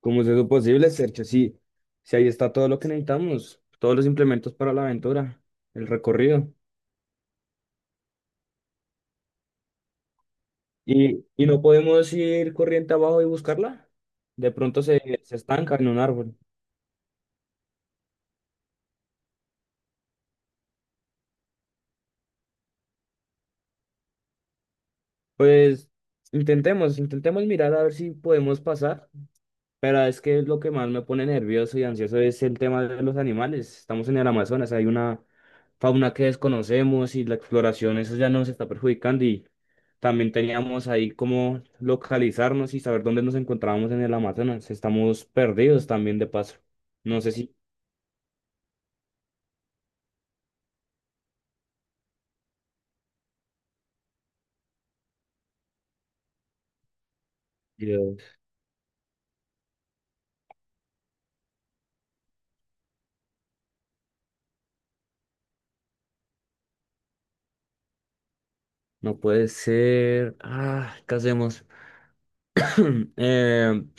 Como es eso posible, Sergio? Sí, sí, ahí está todo lo que necesitamos, todos los implementos para la aventura, el recorrido. Y no podemos ir corriente abajo y buscarla? De pronto se, se estanca en un árbol. Pues intentemos mirar a ver si podemos pasar. Pero es que lo que más me pone nervioso y ansioso es el tema de los animales. Estamos en el Amazonas, hay una fauna que desconocemos y la exploración, eso ya nos está perjudicando y también teníamos ahí como localizarnos y saber dónde nos encontrábamos en el Amazonas. Estamos perdidos también de paso. No sé si... Dios, no puede ser. Ah, ¿qué hacemos? Em,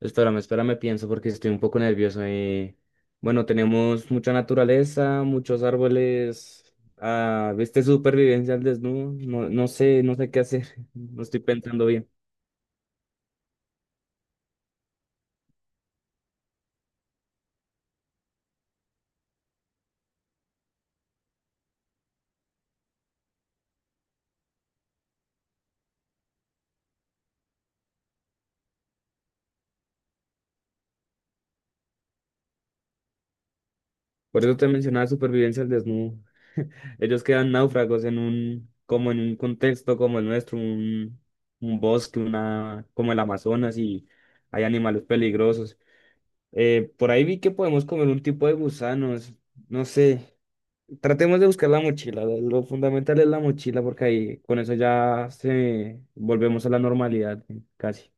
espérame, pienso porque estoy un poco nervioso. Bueno, tenemos mucha naturaleza, muchos árboles. Ah, ¿viste supervivencia al desnudo? No, no sé, no sé qué hacer. No estoy pensando bien. Por eso te mencionaba supervivencia al desnudo. Ellos quedan náufragos en un, como en un contexto como el nuestro, un bosque, una, como el Amazonas y hay animales peligrosos. Por ahí vi que podemos comer un tipo de gusanos. No sé. Tratemos de buscar la mochila. Lo fundamental es la mochila porque ahí con eso ya se volvemos a la normalidad casi.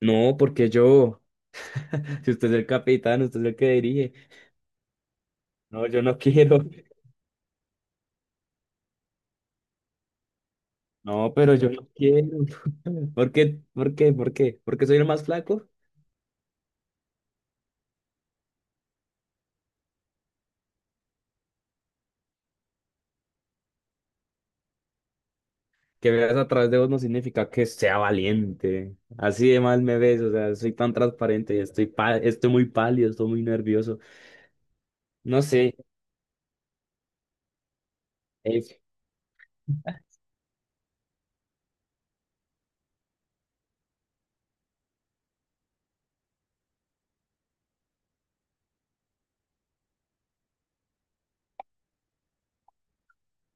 No, porque yo, si usted es el capitán, usted es el que dirige. No, yo no quiero. No, pero yo no quiero. ¿Por qué? ¿Por qué? ¿Por qué? Porque soy el más flaco. Que veas a través de vos no significa que sea valiente. Así de mal me ves, o sea, soy tan transparente, estoy pa- estoy muy pálido, estoy muy nervioso. No sé.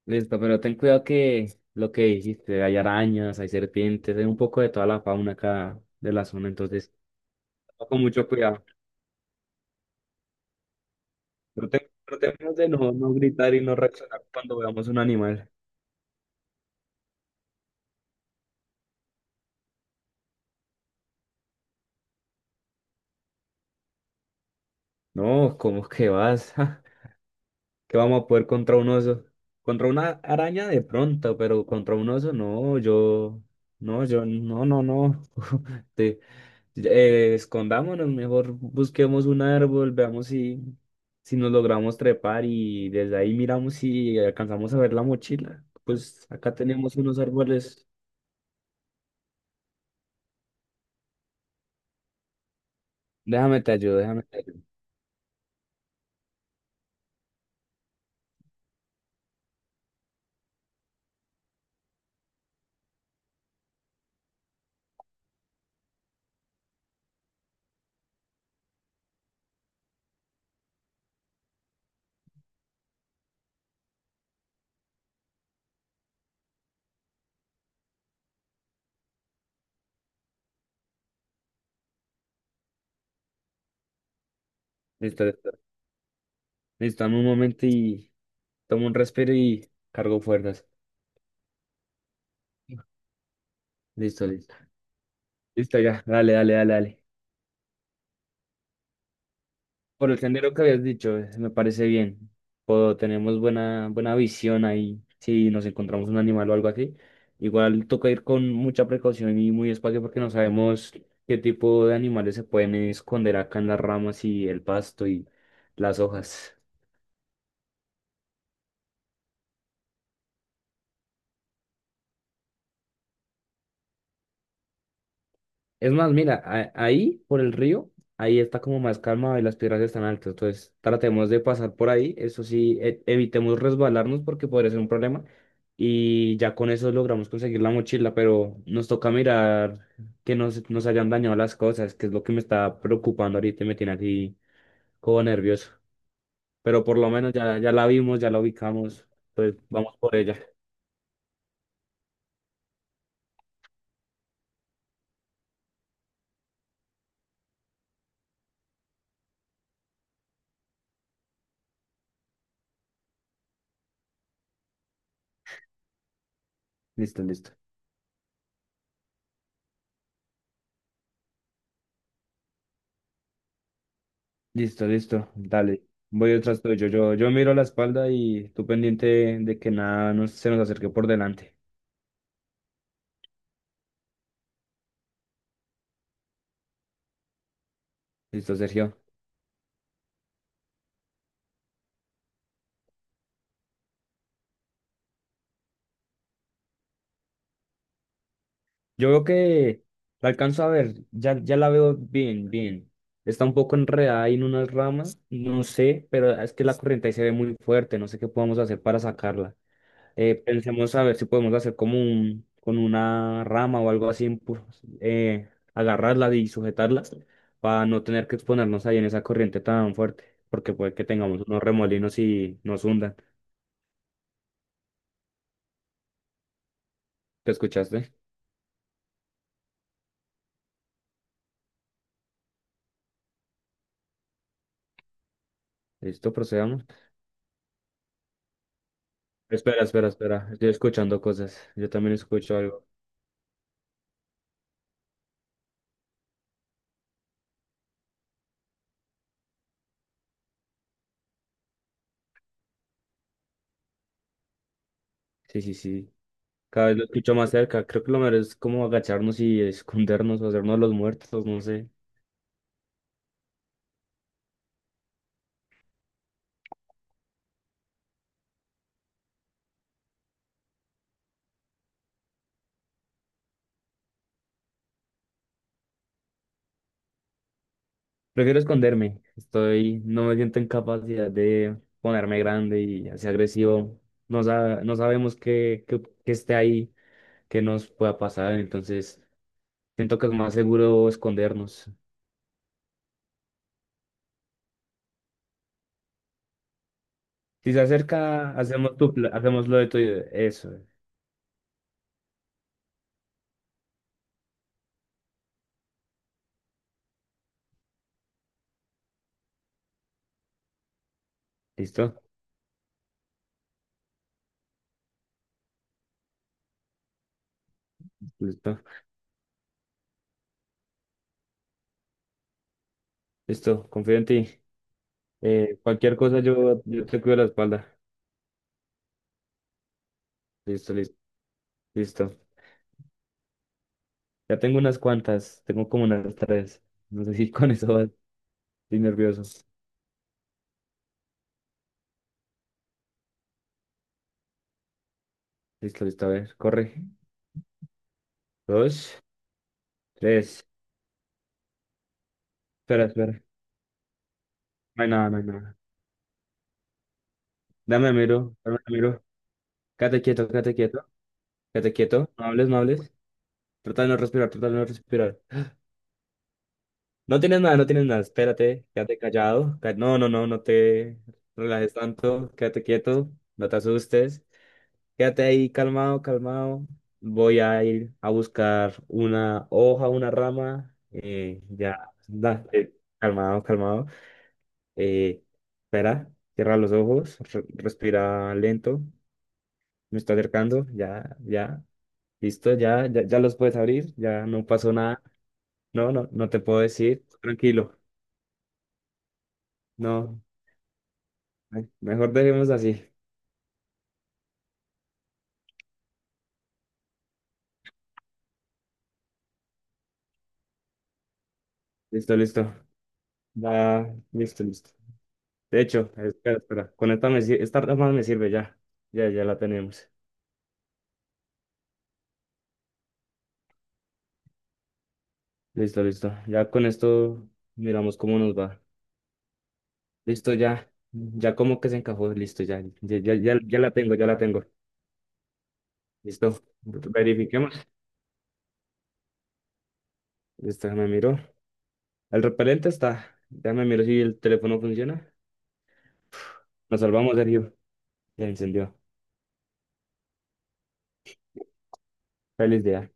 Listo, pero ten cuidado que lo que dijiste, hay arañas, hay serpientes, hay un poco de toda la fauna acá de la zona, entonces con mucho cuidado. Pero te- Tratemos de no, no gritar y no reaccionar cuando veamos un animal. No, ¿cómo que vas? que vamos a poder contra un oso. Contra una araña de pronto, pero contra un oso no, yo, no, yo, no, no, no. Te- escondámonos, mejor busquemos un árbol, veamos si, si nos logramos trepar y desde ahí miramos si alcanzamos a ver la mochila. Pues acá tenemos unos árboles. Déjame te ayudo. Listo, listo. Listo, dame un momento y tomo un respiro y cargo fuerzas. Listo, listo. Listo, ya. Dale. Por el sendero que habías dicho, me parece bien. Puedo, tenemos buena, buena visión ahí. Si nos encontramos un animal o algo así, igual toca ir con mucha precaución y muy despacio porque no sabemos qué tipo de animales se pueden esconder acá en las ramas y el pasto y las hojas. Es más, mira, a- ahí por el río, ahí está como más calma y las piedras están altas. Entonces, tratemos de pasar por ahí. Eso sí, e- evitemos resbalarnos porque podría ser un problema. Y ya con eso logramos conseguir la mochila, pero nos toca mirar que no se- nos hayan dañado las cosas, que es lo que me está preocupando ahorita y me tiene aquí como nervioso. Pero por lo menos ya, ya la vimos, ya la ubicamos. Entonces, vamos por ella. Listo, listo. Listo, listo, dale. Voy detrás tuyo. Yo miro la espalda y tú pendiente de que nada nos, se nos acerque por delante. Listo, Sergio. Yo veo que la alcanzo a ver, ya, ya la veo bien, bien. Está un poco enredada ahí en unas ramas, no sé, pero es que la corriente ahí se ve muy fuerte, no sé qué podemos hacer para sacarla. Pensemos a ver si podemos hacer como un, con una rama o algo así, pues, agarrarla y sujetarla para no tener que exponernos ahí en esa corriente tan fuerte, porque puede que tengamos unos remolinos y nos hundan. ¿Te escuchaste? Listo, procedamos. Espera. Estoy escuchando cosas. Yo también escucho algo. Sí, sí, sí. Cada vez lo escucho más cerca. Creo que lo mejor es como agacharnos y escondernos o hacernos los muertos, no sé. Prefiero esconderme. Estoy, no me siento en capacidad de ponerme grande y así agresivo. No, sa- no sabemos qué, qué, qué esté ahí, qué nos pueda pasar. Entonces, siento que es más seguro escondernos. Si se acerca, hacemos tu, pla- hacemos lo de tu, eso. ¿Listo? Listo. Listo. Confío en ti. Cualquier cosa yo, yo te cuido la espalda. Listo, listo, listo. Ya tengo unas cuantas. Tengo como unas tres. No sé si con eso vas. Estoy nervioso. Listo, listo. A ver, corre. Dos, tres. Espera. No hay nada, no hay nada. Dame, miro, dame, miro. Quédate quieto, quédate quieto, quédate quieto. No hables. Trata de no respirar. No tienes nada, no tienes nada. Espérate, quédate callado. Ca- No, no, no, no te relajes tanto. Quédate quieto, no te asustes. Quédate ahí calmado, calmado. Voy a ir a buscar una hoja, una rama. eh, ya, da- eh, calmado, calmado. Eh, espera, cierra los ojos, re- respira lento, me está acercando, ya, ya, listo, ya, ya, ya los puedes abrir, ya no pasó nada, no, no, no te puedo decir, tranquilo, no, ay, mejor dejemos así, listo, listo, ya, listo, listo. De hecho, espera, espera, con esta, me, sir- esta rama me sirve ya, ya, ya la tenemos, listo, listo, ya con esto miramos cómo nos va, listo, ya, ya como que se encajó, listo, ya, ya, ya, ya ya la tengo, ya la tengo. Listo, verifiquemos. Listo, ya me miró. El repelente está. Ya me miró si el teléfono funciona. Nos salvamos, Sergio. Se encendió. Feliz día.